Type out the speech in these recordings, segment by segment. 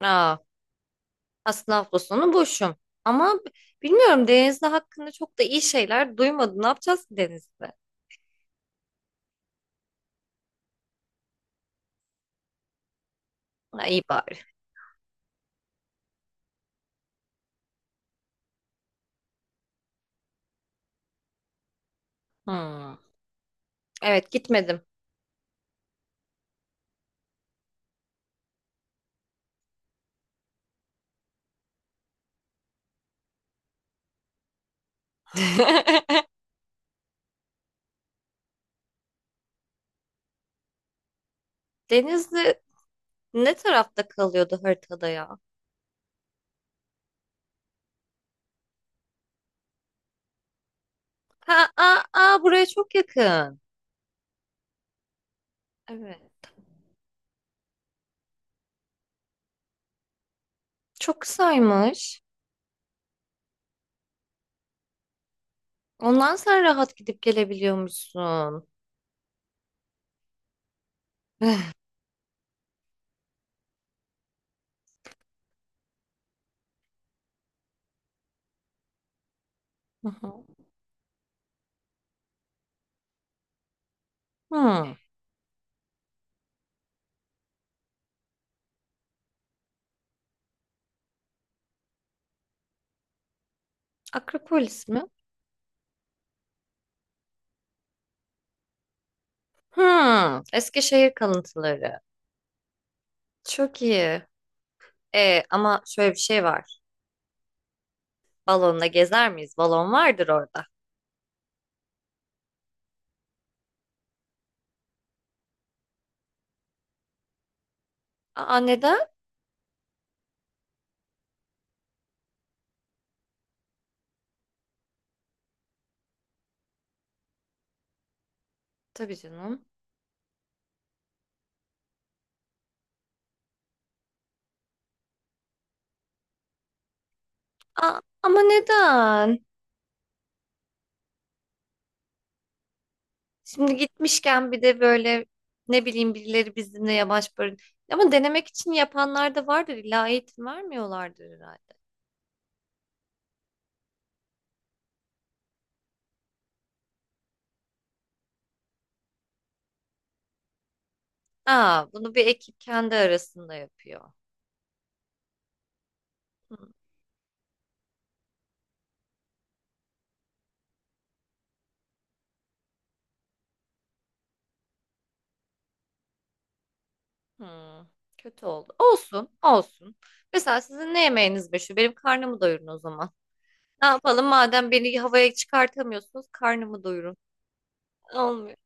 Aa, aslında hafta sonu boşum. Ama bilmiyorum, Denizli hakkında çok da iyi şeyler duymadım. Ne yapacağız ki Denizli? Ha, iyi bari. Hmm. Evet, gitmedim. Denizli ne tarafta kalıyordu haritada ya? Ha, aa, aa, buraya çok yakın. Evet. Çok kısaymış. Ondan sen rahat gidip gelebiliyormuşsun. Hı hı. Hmm. Akropolis mi? Hmm. Eskişehir kalıntıları. Çok iyi. E, ama şöyle bir şey var. Balonla gezer miyiz? Balon vardır orada. Aa, neden? Tabii canım. Aa, ama neden? Şimdi gitmişken bir de böyle ne bileyim birileri bizimle yamaç barın. Ama denemek için yapanlar da vardır. İlla eğitim vermiyorlardır herhalde. Aa, bunu bir ekip kendi arasında yapıyor. Hı, hı. Kötü oldu. Olsun, olsun. Mesela sizin ne yemeğiniz meşhur? Benim karnımı doyurun o zaman. Ne yapalım madem beni havaya çıkartamıyorsunuz karnımı doyurun. Olmuyor.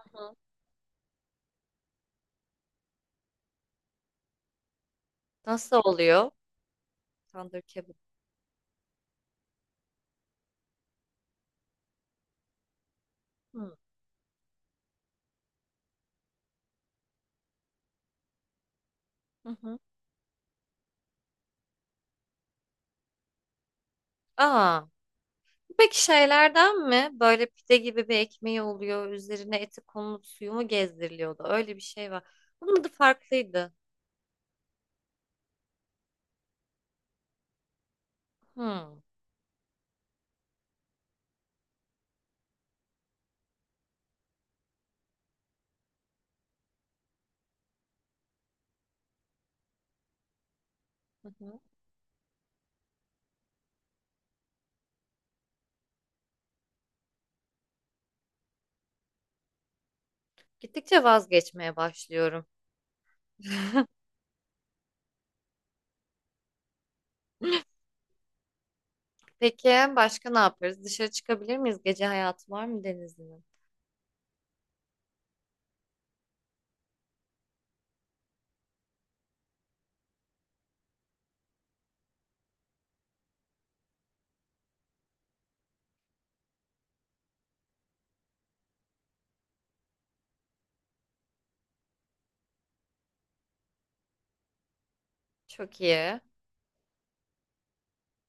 Hı hı. Nasıl oluyor? Tandır kebap. Hı. Hı hı. Aa, peki şeylerden mi? Böyle pide gibi bir ekmeği oluyor. Üzerine eti konulup suyu mu gezdiriliyordu? Öyle bir şey var. Bunun adı farklıydı. Hmm. Hı hı. Gittikçe vazgeçmeye başlıyorum. Peki, başka ne yaparız? Dışarı çıkabilir miyiz? Gece hayatı var mı denizin? Çok iyi.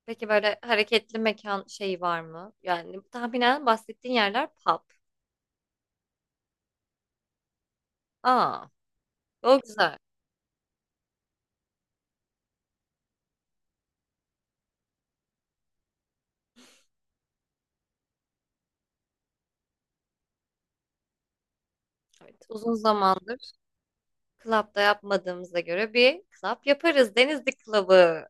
Peki böyle hareketli mekan şeyi var mı? Yani tahminen bahsettiğin yerler pub. Aa, o güzel. Evet, uzun zamandır. Club'da yapmadığımıza göre bir club yaparız. Denizli Club'ı.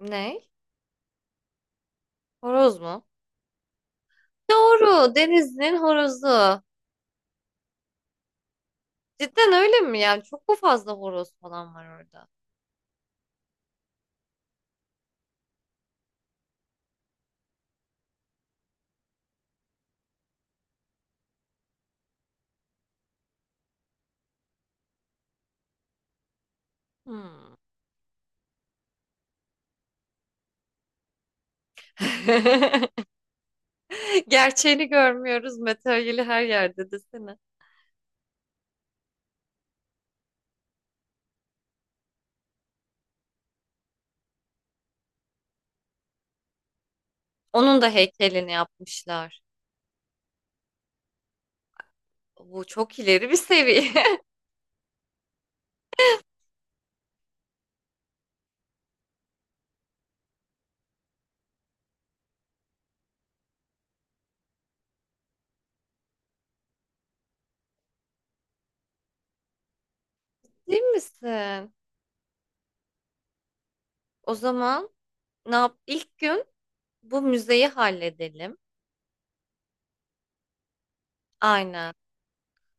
Ne? Horoz mu? Doğru. Denizli'nin horozu. Cidden öyle mi? Yani çok mu fazla horoz falan var orada? Hmm. Gerçeğini görmüyoruz. Materyali her yerde desene. Onun da heykelini yapmışlar. Bu çok ileri bir seviye. Değil misin? O zaman ne yap? İlk gün bu müzeyi halledelim. Aynen.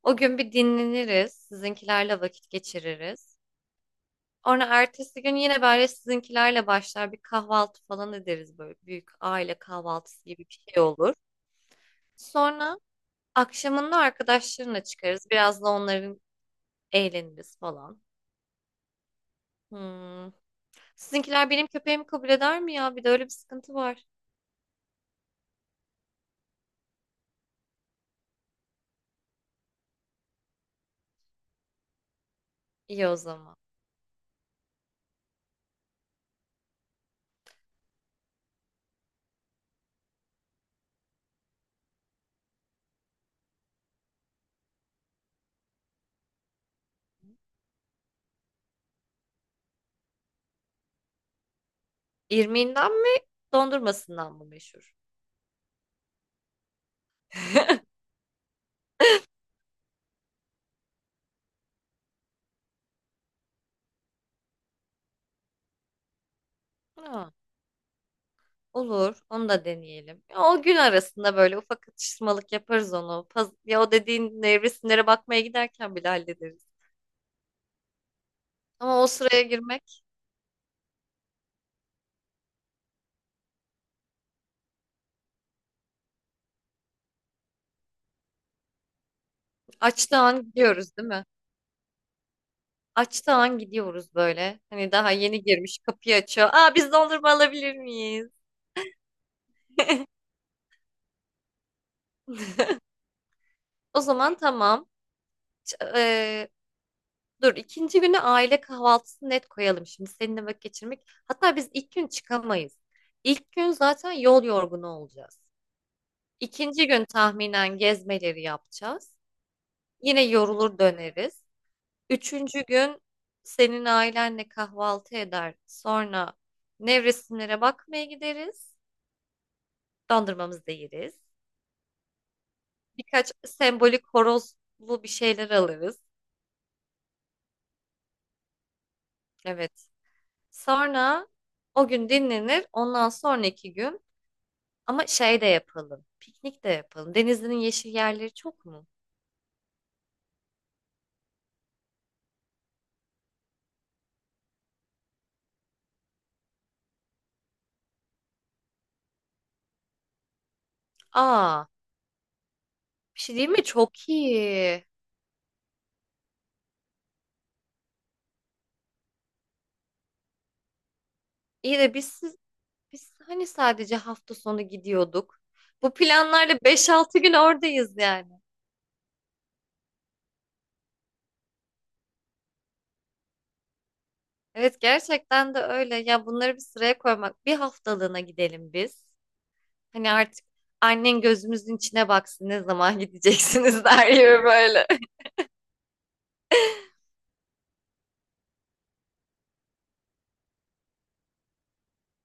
O gün bir dinleniriz, sizinkilerle vakit geçiririz. Sonra ertesi gün yine böyle sizinkilerle başlar bir kahvaltı falan ederiz, böyle büyük aile kahvaltısı gibi bir şey olur. Sonra akşamında arkadaşlarına çıkarız. Biraz da onların eğleniriz falan. Hmm. Sizinkiler benim köpeğimi kabul eder mi ya? Bir de öyle bir sıkıntı var. İyi o zaman. İrmiğinden mi, dondurmasından mı meşhur? Aa. Olur, onu da deneyelim. Ya, o gün arasında böyle ufak atıştırmalık yaparız onu. Ya o dediğin nevresimlere bakmaya giderken bile hallederiz. Ama o sıraya girmek açtığı an gidiyoruz değil mi? Açtığı an gidiyoruz böyle. Hani daha yeni girmiş kapıyı açıyor. Aa, biz dondurma alabilir miyiz? O zaman tamam. Ç- eee, dur, ikinci günü aile kahvaltısı net koyalım, şimdi seninle vakit geçirmek. Hatta biz ilk gün çıkamayız. İlk gün zaten yol yorgunu olacağız. İkinci gün tahminen gezmeleri yapacağız. Yine yorulur döneriz. Üçüncü gün senin ailenle kahvaltı eder. Sonra nevresimlere bakmaya gideriz. Dondurmamızı da yeriz. Birkaç sembolik horozlu bir şeyler alırız. Evet. Sonra o gün dinlenir. Ondan sonraki gün ama şey de yapalım. Piknik de yapalım. Denizli'nin yeşil yerleri çok mu? Aa, bir şey değil mi? Çok iyi. İyi de biz biz hani sadece hafta sonu gidiyorduk. Bu planlarla 5-6 gün oradayız yani. Evet, gerçekten de öyle. Ya bunları bir sıraya koymak. Bir haftalığına gidelim biz. Hani artık annen gözümüzün içine baksın ne zaman gideceksiniz der gibi böyle.